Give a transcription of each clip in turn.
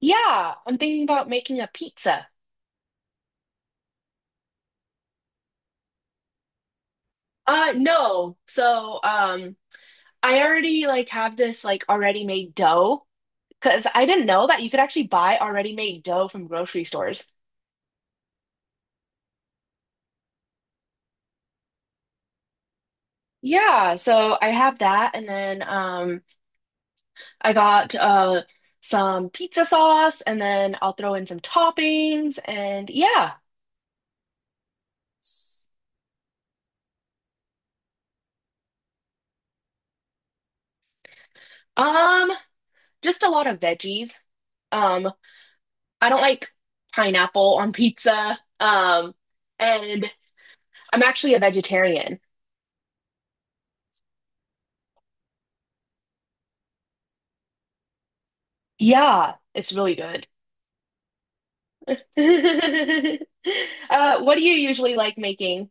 Yeah, I'm thinking about making a pizza. No. So I already like have this like already made dough because I didn't know that you could actually buy already made dough from grocery stores. Yeah, so I have that, and then I got some pizza sauce, and then I'll throw in some toppings and yeah. Um just a lot of veggies. Um I don't like pineapple on pizza. And I'm actually a vegetarian. Yeah, it's really good. What do you usually like making?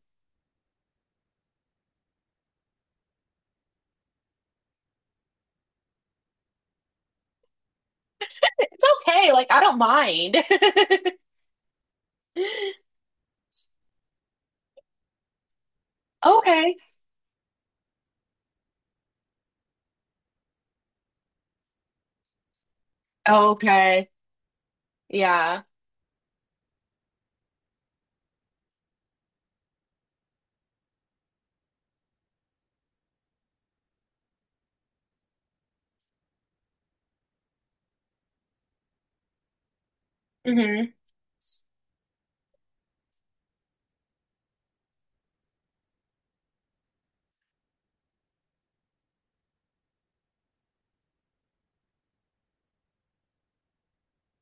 It's okay, like I don't mind. Okay. Okay. Yeah. hmm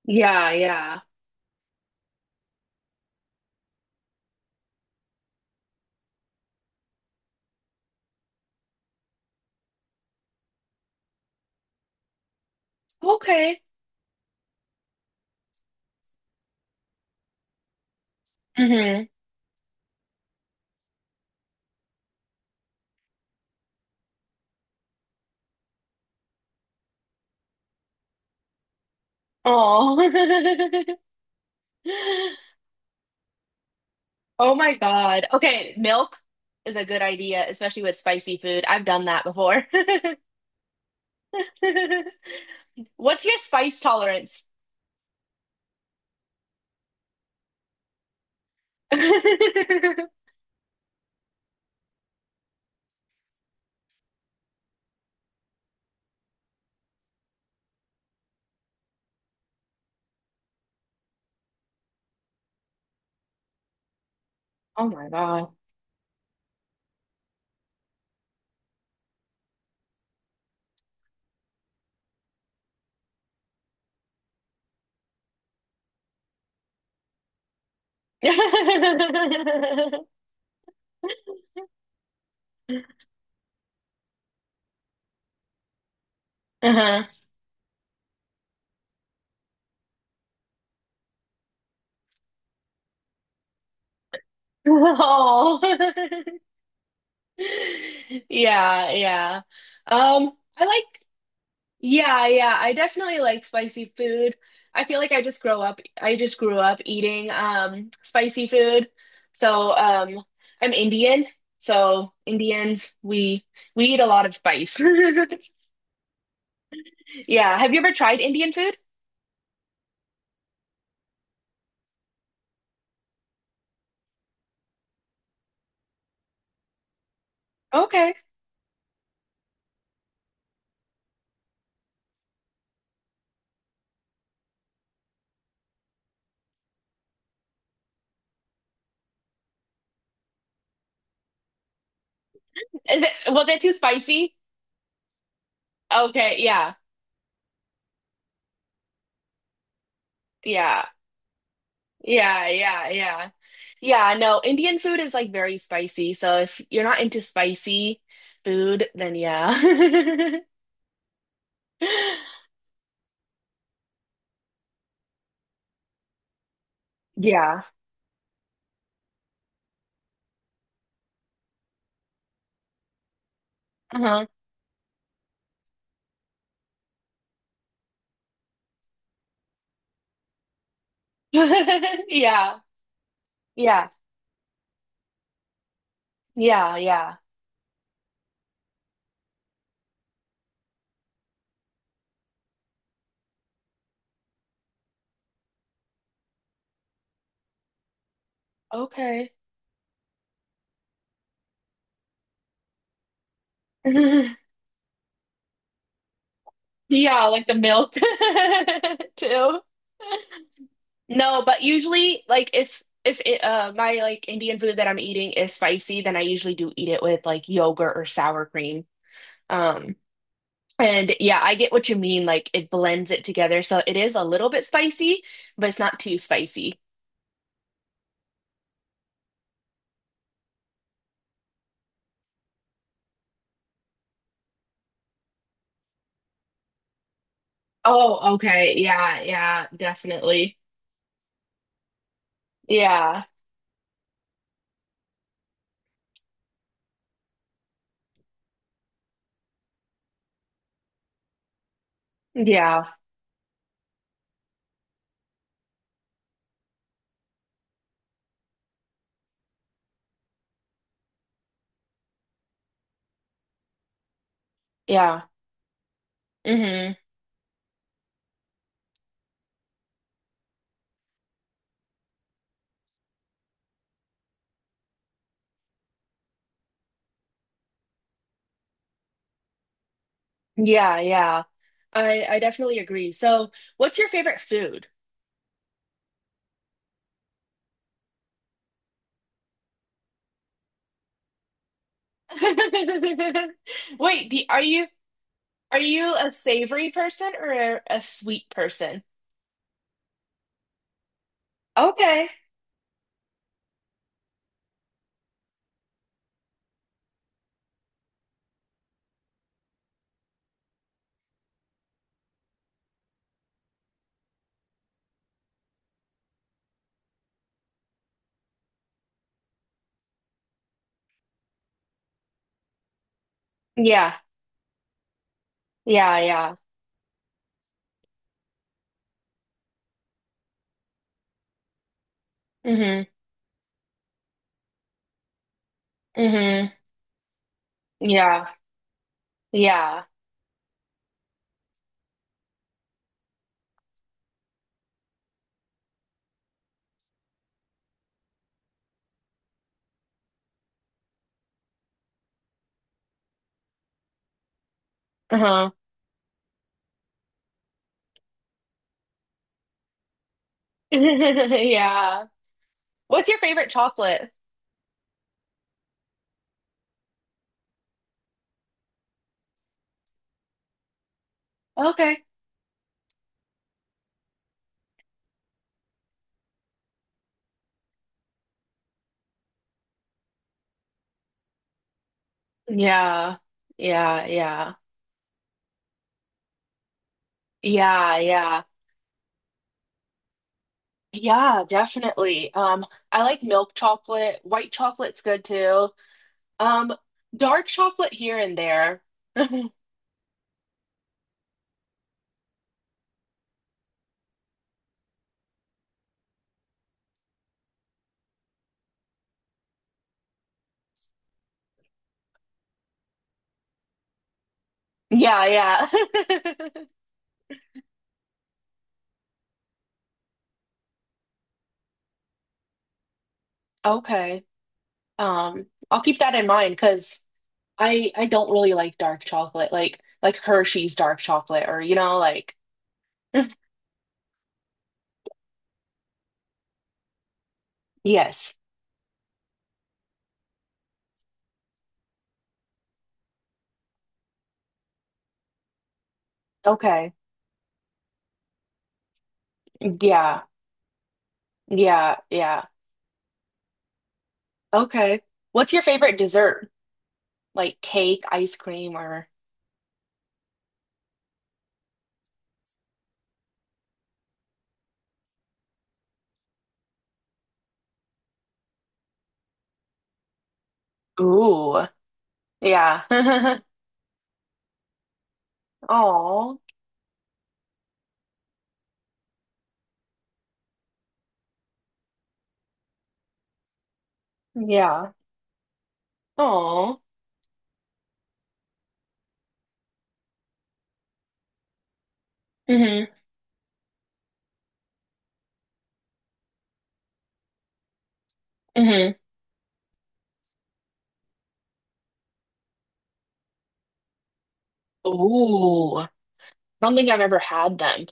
Yeah, yeah. Okay. hmm Oh. Oh my God. Okay, milk is a good idea, especially with spicy food. I've done that before. What's your spice tolerance? Oh my God. Uh-huh. Oh. Yeah, yeah. I like yeah, yeah. I definitely like spicy food. I feel like I just grew up eating spicy food. So, I'm Indian. So, Indians, we eat a lot of spice. Yeah, have you ever tried Indian food? Okay. Is it was it too spicy? Okay, yeah. Yeah. Yeah, yeah, yeah. Yeah, no, Indian food is like very spicy. So if you're not into spicy food, then yeah. Yeah. Uh-huh. Yeah. Yeah. Yeah, yeah. Okay. Yeah, like the milk too. No, but usually like if my like Indian food that I'm eating is spicy, then I usually do eat it with like yogurt or sour cream. Um. And yeah, I get what you mean. Like it blends it together. So it is a little bit spicy, but it's not too spicy. Oh, okay. Yeah, yeah, definitely. Yeah. Yeah. Yeah. hmm Yeah, yeah. I definitely agree. So, what's your favorite food? Wait, do, are you a savory person or a sweet person? Okay. Yeah. Yeah, yeah. hmm hmm Yeah. Yeah. Uh-huh. Yeah. What's your favorite chocolate? Okay. Yeah. Yeah, yeah. Yeah, yeah. Yeah, definitely. I like milk chocolate. White chocolate's good too. Um, dark chocolate here and there. Yeah, yeah. Okay. I'll keep that in mind because I don't really like dark chocolate, like Hershey's dark chocolate, or you know, like yes. Okay. Yeah. Yeah. Yeah. Okay. What's your favorite dessert? Like cake, ice cream, or ooh. Yeah. Oh. Yeah. Oh. Mm-hmm. Mm-hmm. Ooh. I don't think I've ever had them.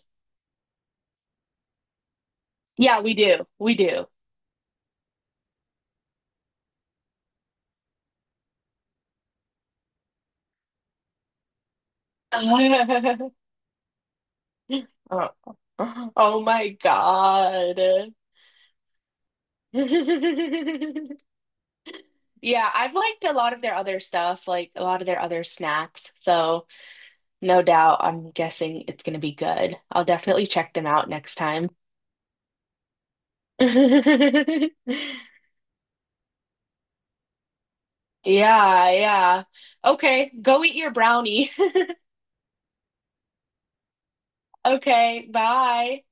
Yeah, we do. We do. Oh. Oh my God. Yeah, I've liked a lot of their other stuff, like a lot of their other snacks. So no doubt. I'm guessing it's going to be good. I'll definitely check them out next time. Yeah, yeah. Okay, go eat your brownie. Okay, bye.